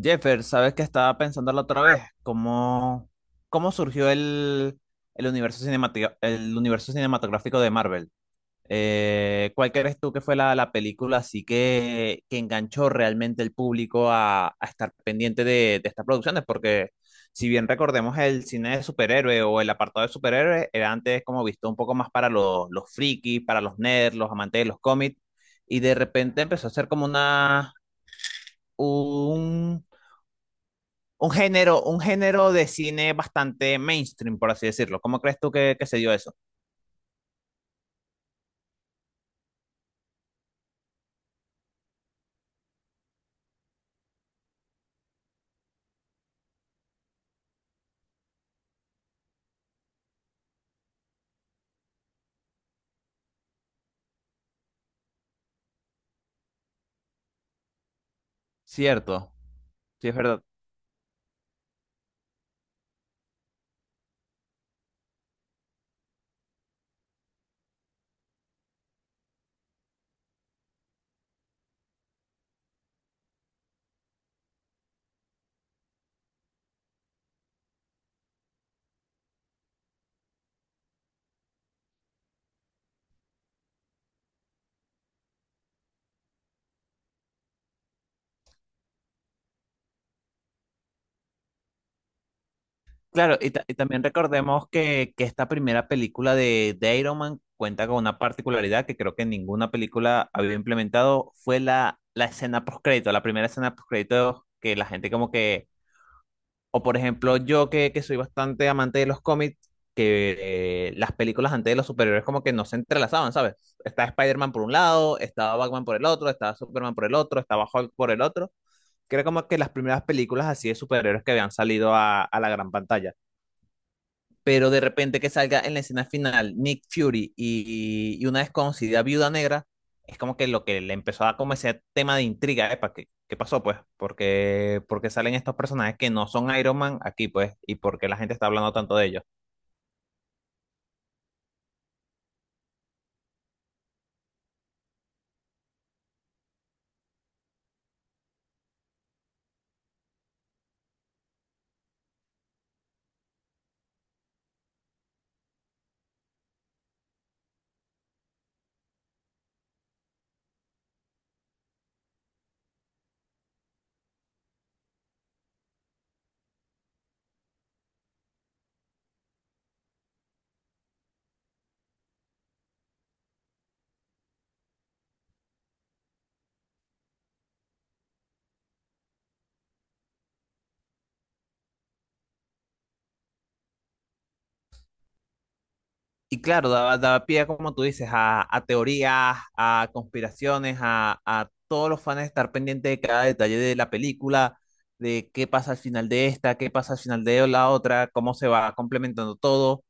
Jeffer, sabes que estaba pensando la otra vez cómo surgió el el universo cinematográfico de Marvel. ¿Cuál crees tú que fue la película así que enganchó realmente el público a estar pendiente de estas producciones? Porque si bien recordemos el cine de superhéroe o el apartado de superhéroes, era antes como visto un poco más para los frikis, para los nerds, los amantes de los cómics, y de repente empezó a ser como una... un un género de cine bastante mainstream, por así decirlo. ¿Cómo crees tú que se dio eso? Cierto, sí es verdad. Claro, y también recordemos que esta primera película de Iron Man cuenta con una particularidad que creo que ninguna película había implementado, fue la escena postcrédito, la primera escena postcrédito que la gente como que. O por ejemplo, yo que soy bastante amante de los cómics, que las películas antes de los superhéroes como que no se entrelazaban, ¿sabes? Estaba Spider-Man por un lado, estaba Batman por el otro, estaba Superman por el otro, estaba Hulk por el otro, que era como que las primeras películas así de superhéroes que habían salido a la gran pantalla, pero de repente que salga en la escena final Nick Fury y una desconocida viuda negra, es como que lo que le empezó a dar como ese tema de intriga, ¿eh? ¿Qué pasó, pues? Porque salen estos personajes que no son Iron Man aquí, pues, y porque la gente está hablando tanto de ellos. Y claro, daba pie, como tú dices, a teorías, a conspiraciones, a todos los fans estar pendientes de cada detalle de la película, de qué pasa al final de esta, qué pasa al final de la otra, cómo se va complementando todo.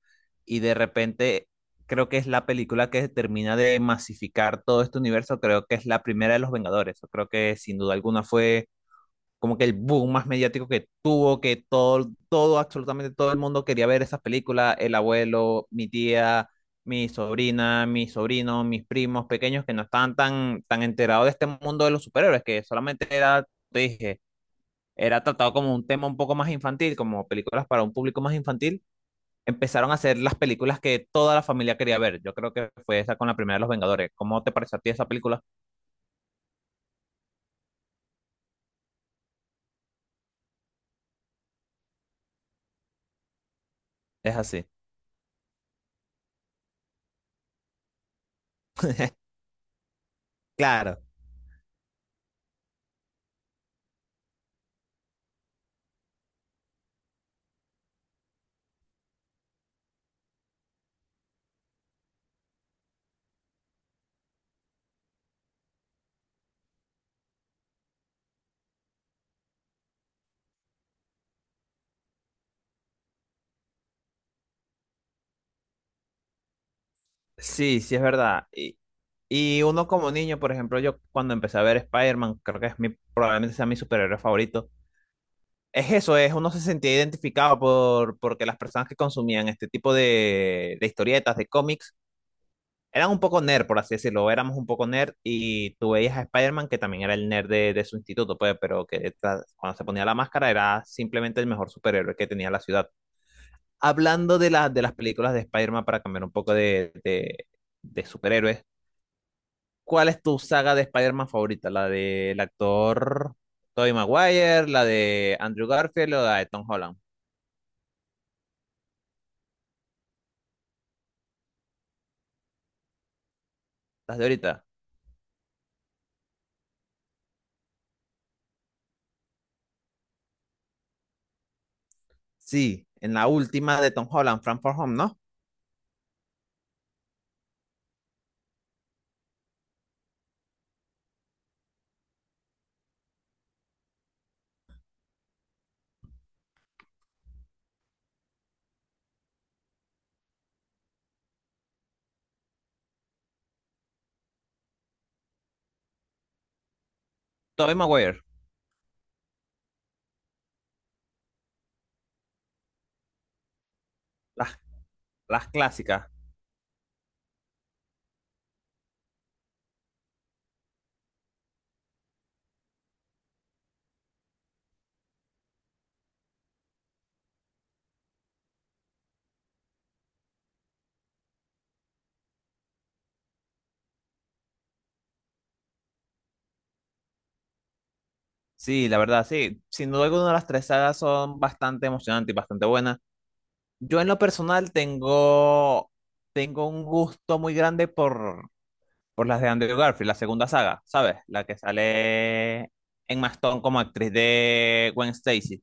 Y de repente, creo que es la película que termina de masificar todo este universo. Creo que es la primera de los Vengadores. Creo que sin duda alguna fue como que el boom más mediático que tuvo, que todo, todo, absolutamente todo el mundo quería ver esas películas, el abuelo, mi tía, mi sobrina, mis sobrinos, mis primos pequeños que no estaban tan enterados de este mundo de los superhéroes, que solamente era, te dije, era tratado como un tema un poco más infantil, como películas para un público más infantil, empezaron a hacer las películas que toda la familia quería ver. Yo creo que fue esa con la primera de Los Vengadores. ¿Cómo te pareció a ti esa película? Es así. Claro. Sí, sí es verdad. Y uno como niño, por ejemplo, yo cuando empecé a ver Spider-Man, creo que es mi, probablemente sea mi superhéroe favorito. Es eso, es uno se sentía identificado por, porque las personas que consumían este tipo de historietas, de cómics, eran un poco nerd, por así decirlo, éramos un poco nerd y tú veías a Spider-Man que también era el nerd de su instituto, pues, pero que cuando se ponía la máscara era simplemente el mejor superhéroe que tenía la ciudad. Hablando de las películas de Spider-Man para cambiar un poco de superhéroes, ¿cuál es tu saga de Spider-Man favorita? ¿La del actor Tobey Maguire, la de Andrew Garfield o la de Tom Holland? ¿Las de ahorita? Sí, en la última de Tom Holland, Frank for Home, ¿no? Tobey Maguire, las, las clásicas. Sí, la verdad, sí. Sin duda alguna, las tres sagas son bastante emocionantes y bastante buenas. Yo en lo personal tengo, tengo un gusto muy grande por las de Andrew Garfield, la segunda saga, ¿sabes? La que sale en Stone como actriz de Gwen Stacy.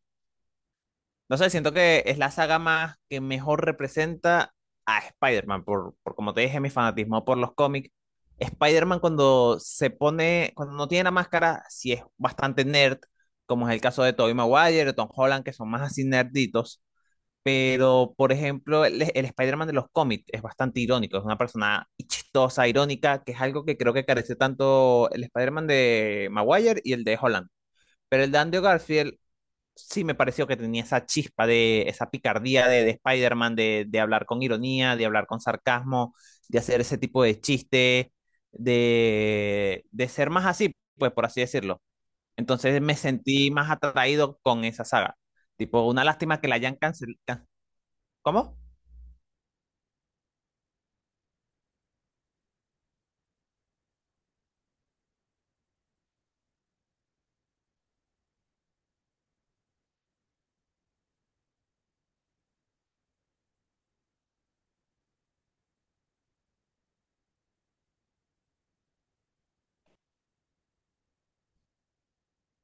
No sé, siento que es la saga más que mejor representa a Spider-Man, por como te dije, mi fanatismo por los cómics. Spider-Man cuando se pone, cuando no tiene la máscara, sí es bastante nerd, como es el caso de Tobey Maguire, de Tom Holland, que son más así nerditos, pero por ejemplo, el Spider-Man de los cómics es bastante irónico, es una persona chistosa, irónica, que es algo que creo que carece tanto el Spider-Man de Maguire y el de Holland. Pero el de Andrew Garfield sí me pareció que tenía esa chispa de esa picardía de Spider-Man, de hablar con ironía, de hablar con sarcasmo, de hacer ese tipo de chiste, de ser más así, pues por así decirlo. Entonces me sentí más atraído con esa saga. Tipo, una lástima que la hayan cancelado. ¿Cómo?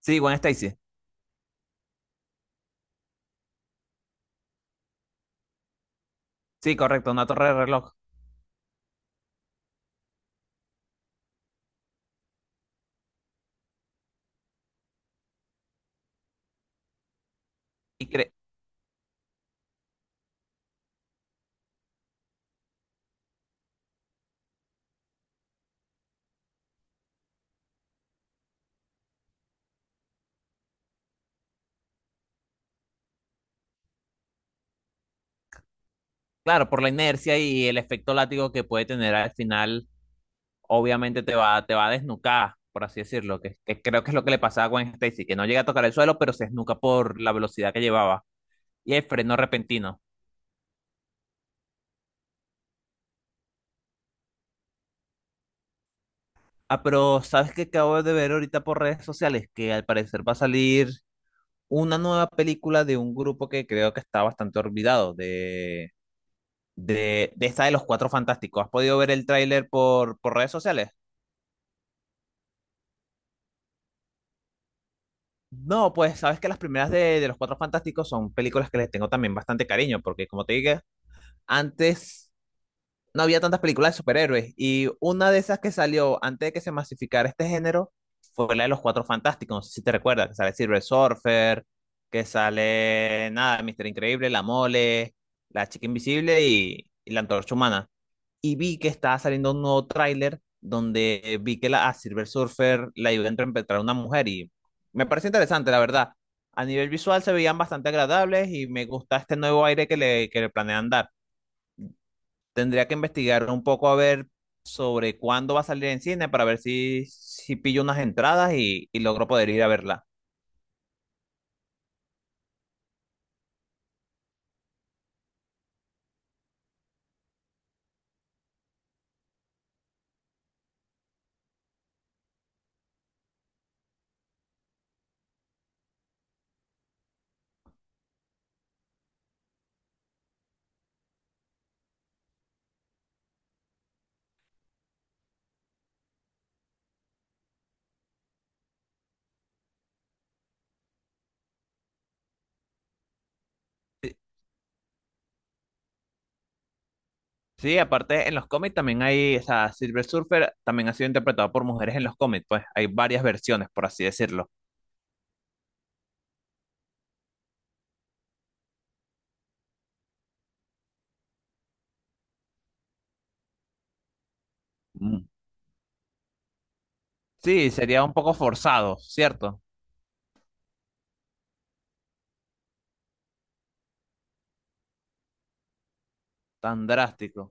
Sí, Gwen Stacy. Sí, correcto, una torre de reloj. Y cre- claro, por la inercia y el efecto látigo que puede tener al final, obviamente te va a desnucar, por así decirlo, que creo que es lo que le pasaba a Gwen Stacy, que no llega a tocar el suelo, pero se esnuca por la velocidad que llevaba y el freno repentino. Ah, pero ¿sabes qué acabo de ver ahorita por redes sociales? Que al parecer va a salir una nueva película de un grupo que creo que está bastante olvidado, de esta de los Cuatro Fantásticos. ¿Has podido ver el tráiler por redes sociales? No, pues sabes que las primeras de Los Cuatro Fantásticos son películas que les tengo también bastante cariño, porque como te dije, antes no había tantas películas de superhéroes. Y una de esas que salió antes de que se masificara este género fue la de los Cuatro Fantásticos. No sé si te recuerdas, que sale Silver Surfer, que sale, nada, Mister Increíble, La Mole, La Chica Invisible y La Antorcha Humana. Y vi que estaba saliendo un nuevo tráiler donde vi que la, a Silver Surfer la ayudó a interpretar a una mujer y me parece interesante, la verdad. A nivel visual se veían bastante agradables y me gusta este nuevo aire que le planean dar. Tendría que investigar un poco a ver sobre cuándo va a salir en cine para ver si, si pillo unas entradas y logro poder ir a verla. Sí, sí, aparte en los cómics también hay, o sea, Silver Surfer también ha sido interpretado por mujeres en los cómics, pues hay varias versiones, por así decirlo. Mm. Sí, sería un poco forzado, ¿cierto? Tan drástico.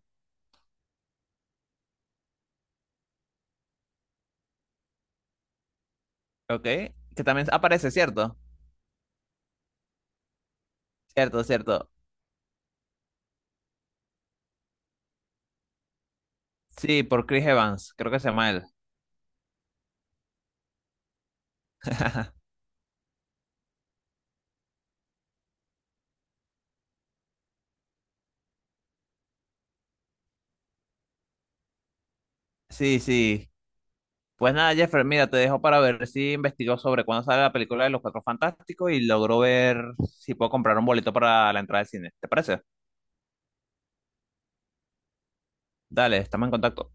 Ok, que también aparece, ¿cierto? Cierto, cierto. Sí, por Chris Evans, creo que se llama él. Sí, sí. Pues nada, Jeffer, mira, te dejo para ver si investigó sobre cuándo sale la película de Los Cuatro Fantásticos y logró ver si puedo comprar un boleto para la entrada al cine. ¿Te parece? Dale, estamos en contacto.